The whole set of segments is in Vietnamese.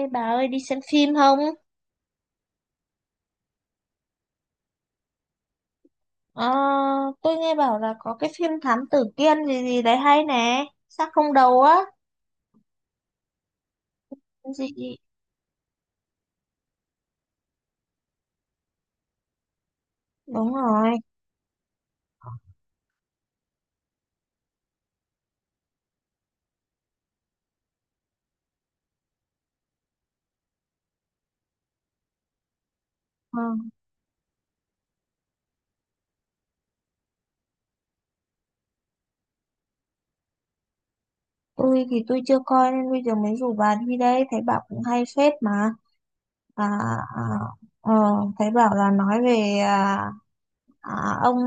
Ê bà ơi đi xem phim không? Ờ, tôi nghe bảo là có cái phim Thám Tử Kiên gì gì đấy hay nè, Xác không đầu á. Gì? Đúng rồi. Ờ, tôi thì tôi chưa coi nên bây giờ mới rủ bà đi đây, thấy bà cũng hay phết mà. À, à, ờ, thấy bảo là nói về à, ông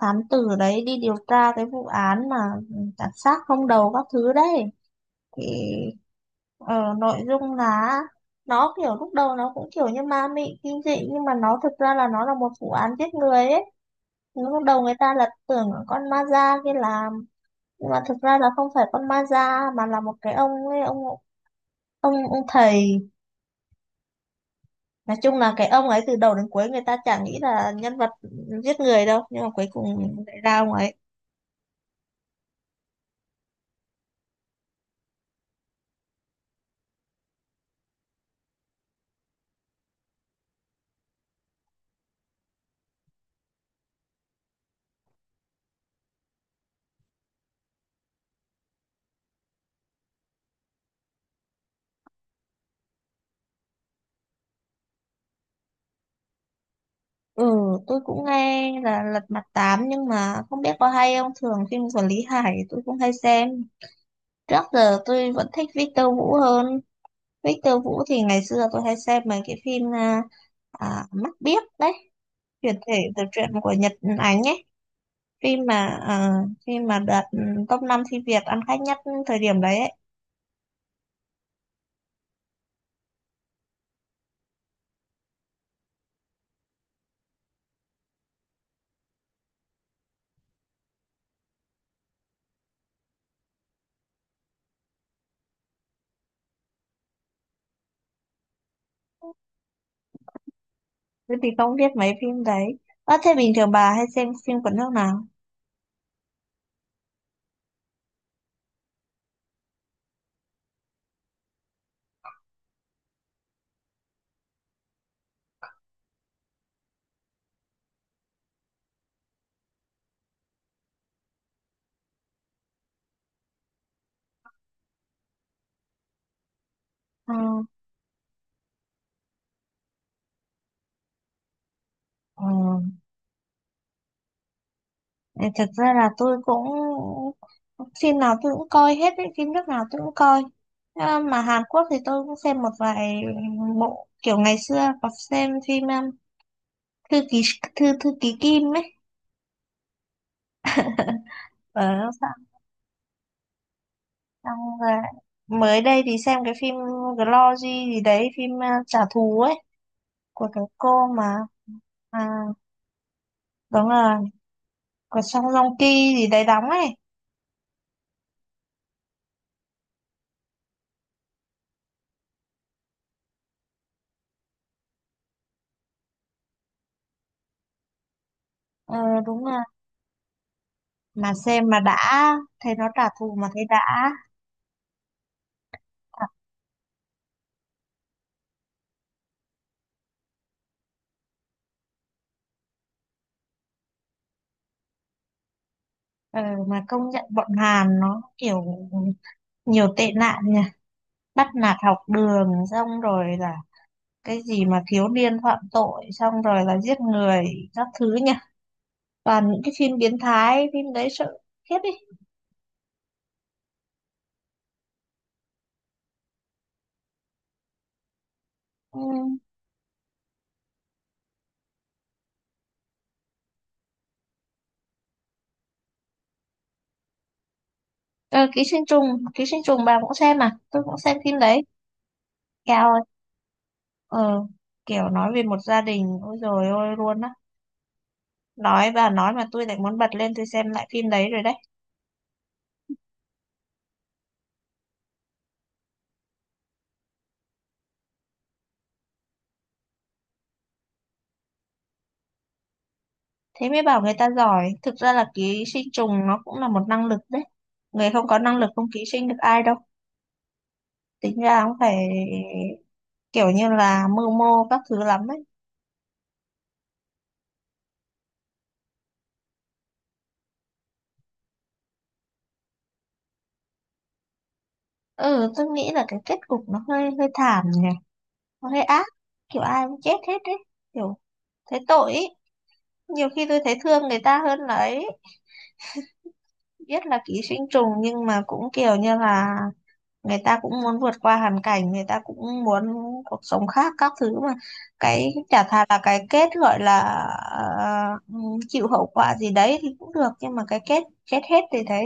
thám tử đấy đi điều tra cái vụ án mà đặt xác không đầu các thứ đấy. Thì nội dung là nó kiểu lúc đầu nó cũng kiểu như ma mị kinh dị, nhưng mà nó thực ra là nó là một vụ án giết người ấy. Lúc đầu người ta là tưởng là con ma da kia làm, nhưng mà thực ra là không phải con ma da mà là một cái ông ấy, ông thầy. Nói chung là cái ông ấy từ đầu đến cuối người ta chả nghĩ là nhân vật giết người đâu, nhưng mà cuối cùng lại ra ông ấy. Ừ, tôi cũng nghe là Lật Mặt Tám, nhưng mà không biết có hay không, thường phim của Lý Hải tôi cũng hay xem. Trước giờ tôi vẫn thích Victor Vũ hơn. Victor Vũ thì ngày xưa tôi hay xem mấy cái phim Mắt Biếc đấy, chuyển thể từ truyện của Nhật Ánh ấy. Phim mà à, Phim mà đạt top 5 phim Việt ăn khách nhất thời điểm đấy ấy. Tôi thì không biết mấy phim đấy. À, thế bình thường bà hay xem phim của nước nào? Ờ, ờ. Ờ, thật ra là tôi cũng phim nào tôi cũng coi hết ấy, phim nước nào tôi cũng coi. À, mà Hàn Quốc thì tôi cũng xem một vài bộ, kiểu ngày xưa có xem phim thư ký thư thư ký Kim ấy. Ở sao, xong rồi mới đây thì xem cái phim Glory gì đấy, phim trả thù ấy của cái cô mà, à, đúng là của Song Joong Ki gì đấy đóng ấy. ờ, Đúng là mà xem mà đã, thấy nó trả thù mà thấy đã. à, Ờ, mà công nhận bọn Hàn nó kiểu nhiều tệ nạn nhỉ, bắt nạt học đường, xong rồi là cái gì mà thiếu niên phạm tội xong rồi là giết người các thứ nhỉ. Toàn những cái phim biến thái, phim đấy sợ khiếp đi. Ừ. Ờ, ký sinh trùng, ký sinh trùng bà cũng xem à, tôi cũng xem phim đấy. Cao ơi, ờ, kiểu nói về một gia đình ôi rồi ôi luôn á. Nói bà nói mà tôi lại muốn bật lên tôi xem lại phim đấy rồi đấy. Thế mới bảo người ta giỏi. Thực ra là ký sinh trùng nó cũng là một năng lực đấy. Người không có năng lực không ký sinh được ai đâu. Tính ra cũng phải kiểu như là mưu mô các thứ lắm ấy. Ừ, tôi nghĩ là cái kết cục nó hơi hơi thảm nhỉ. Nó hơi ác. Kiểu ai cũng chết hết đấy. Kiểu thấy tội ấy. Nhiều khi tôi thấy thương người ta hơn là ấy. Biết là ký sinh trùng nhưng mà cũng kiểu như là người ta cũng muốn vượt qua hoàn cảnh, người ta cũng muốn cuộc sống khác các thứ mà. Cái chả thà là cái kết gọi là ờ, chịu hậu quả gì đấy thì cũng được, nhưng mà cái kết chết hết thì thấy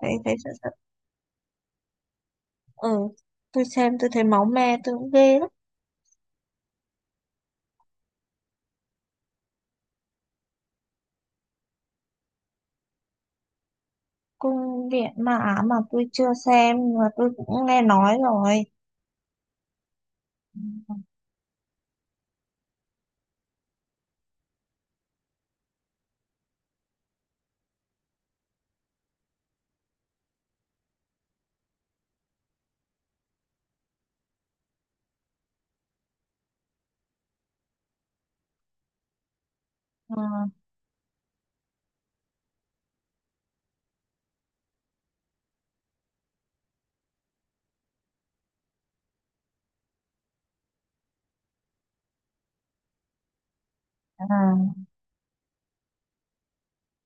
thấy thấy sợ sợ. Ừ, tôi xem tôi thấy máu me tôi cũng ghê lắm. Cung điện ma ám mà tôi chưa xem, nhưng mà tôi cũng nghe nói rồi. Ừ. Ừ.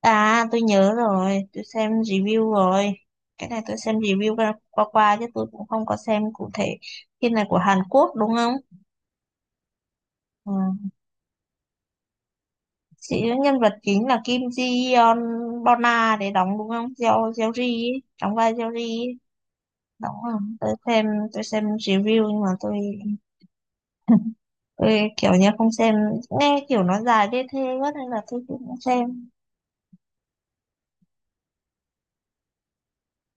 À, tôi nhớ rồi, tôi xem review rồi. Cái này tôi xem review qua qua, qua chứ tôi cũng không có xem cụ thể. Phim này của Hàn Quốc đúng không? Ừ. Chị nhân vật chính là Kim Ji Yeon Bona để đóng đúng không? Jeo Jeo Ri ấy, đóng vai Jeo Ri ấy. Đóng không? Tôi xem, tôi xem review nhưng mà tôi tôi kiểu như không xem, nghe kiểu nó dài đê thê quá nên là tôi cũng không xem.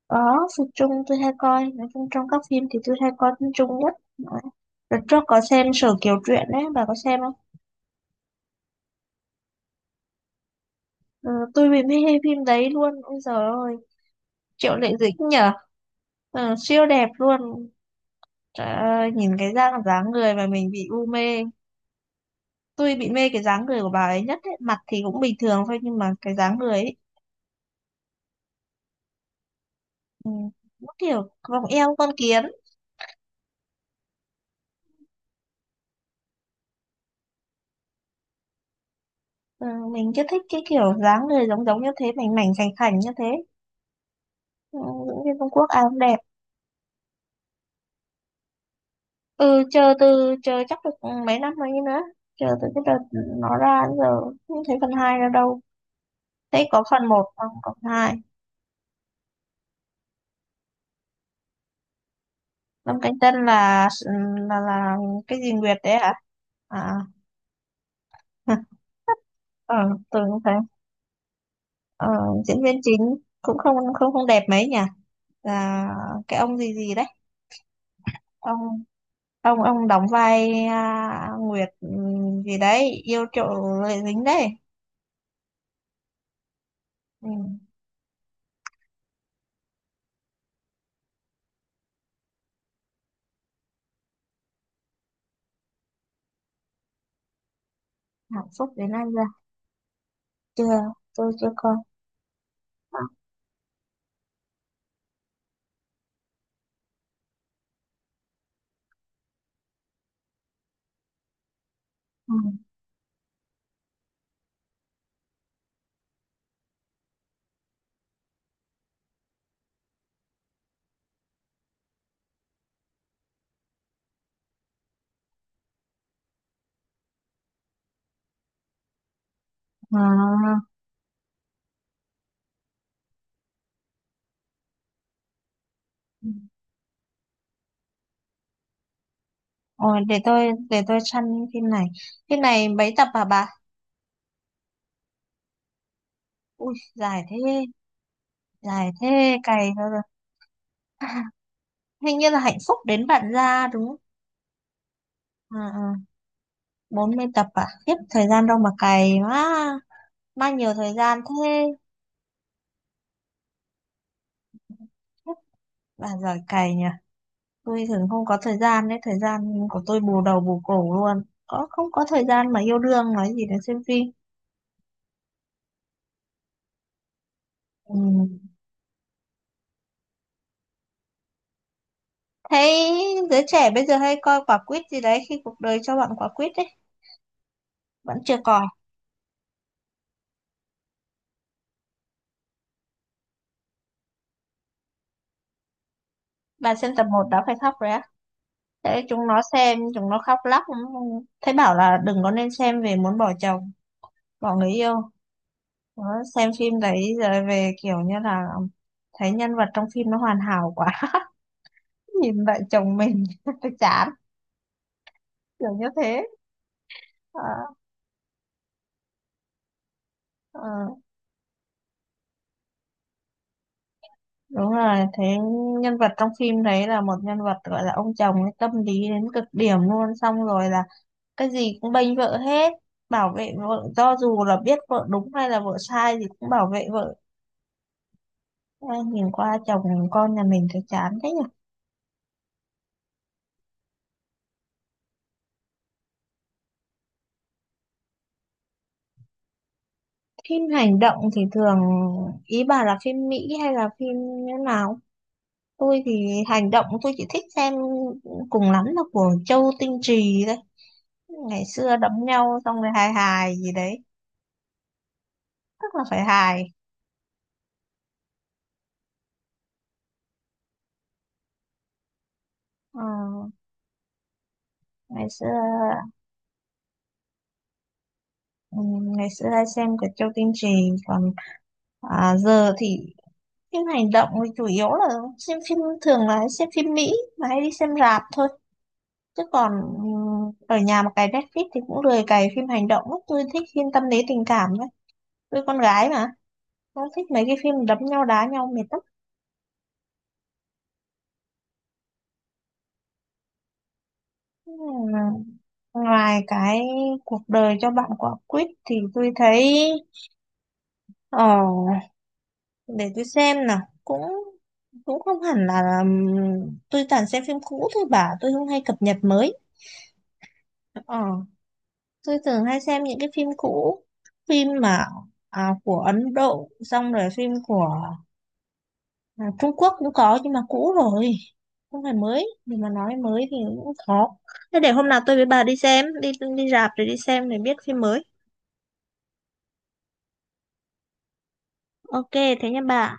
Có, phim Trung tôi hay coi, nói chung trong các phim thì tôi hay coi phim Trung nhất. Đó. Đợt trước có xem Sở Kiều Truyện đấy, bà có xem không? Ừ, tôi bị mê hay phim đấy luôn, ôi giời ơi, Triệu Lệ Dĩnh nhở. Ờ, siêu đẹp luôn. Trời ơi, nhìn cái dáng dáng người mà mình bị u mê. Tôi bị mê cái dáng người của bà ấy nhất ấy. Mặt thì cũng bình thường thôi nhưng mà cái dáng người ấy, ừ, nó kiểu vòng eo con kiến. Ừ, mình cứ thích cái kiểu dáng người giống giống như thế, mảnh mảnh khảnh khảnh như thế. Ừ, những viên Trung Quốc ai cũng đẹp. Ừ, chờ chắc được mấy năm rồi nữa, chờ từ cái đợt nó ra đến giờ không thấy phần hai ra đâu, thấy có phần một không có phần hai. Lâm Cánh Chân là là là cái gì Nguyệt đấy hả? À. Ờ, tưởng như thế. Ờ, diễn viên chính cũng không không không đẹp mấy nhỉ, là cái ông gì gì đấy. ông ông đóng vai à, Nguyệt gì đấy yêu trộm lệ dính đấy. Ừ, hạnh phúc đến nay giờ. Chưa, tôi chưa coi. Ừ. À. Ôi, để tôi săn phim này. Phim này mấy tập hả bà? Ui, dài thế, cày ra rồi. Hình như là hạnh phúc đến bạn ra đúng không? À, à, 40 tập à? Khiếp, thời gian đâu mà cày quá. Bao nhiều thời gian thế. Khiếp, bà giỏi cày nhỉ. Tôi thường không có thời gian đấy, thời gian của tôi bù đầu bù cổ luôn. Có không có thời gian mà yêu đương nói gì đến xem phim. Ừ, thấy giới trẻ bây giờ hay coi quả quýt gì đấy, khi cuộc đời cho bạn quả quýt đấy vẫn chưa coi. Bạn xem tập một đã phải khóc rồi á? Thế chúng nó xem chúng nó khóc lóc. Thấy bảo là đừng có nên xem, về muốn bỏ chồng, bỏ người yêu, nó xem phim đấy rồi về kiểu như là thấy nhân vật trong phim nó hoàn hảo quá, nhìn lại chồng mình chán kiểu như thế. Ờ, ờ, đúng rồi, thế nhân vật trong phim đấy là một nhân vật gọi là ông chồng ấy, tâm lý đến cực điểm luôn, xong rồi là cái gì cũng bênh vợ hết, bảo vệ vợ cho dù là biết vợ đúng hay là vợ sai thì cũng bảo vệ vợ. Ai nhìn qua chồng con nhà mình thấy chán thế nhỉ? Phim hành động thì thường, ý bà là phim Mỹ hay là phim như nào? Tôi thì hành động tôi chỉ thích xem cùng lắm là của Châu Tinh Trì đấy, ngày xưa đấm nhau xong rồi hài hài gì đấy, tức là phải hài. Ờ, ngày xưa, ừ, ngày xưa hay xem của Châu Tinh Trì, còn giờ thì phim hành động thì chủ yếu là xem phim, thường là xem phim Mỹ mà hay đi xem rạp thôi. Chứ còn ở nhà mà cài Netflix thì cũng lười cài phim hành động lắm. Tôi thích phim tâm lý tình cảm đấy. Tôi con gái mà. Không thích mấy cái phim đấm nhau đá nhau mệt lắm. Ừm, Ngoài cái cuộc đời cho bạn quả quýt thì tôi thấy... Ờ, để tôi xem nào. Cũng cũng không hẳn là, tôi toàn xem phim cũ thôi bà. Tôi không hay cập nhật mới. Ờ. Tôi thường hay xem những cái phim cũ, phim mà của Ấn Độ, xong rồi phim của Trung Quốc cũng có nhưng mà cũ rồi, không phải mới, nhưng mà nói mới thì cũng khó. Thế để hôm nào tôi với bà đi xem đi, đi rạp rồi đi xem để biết phim mới. Ok thế nha bà.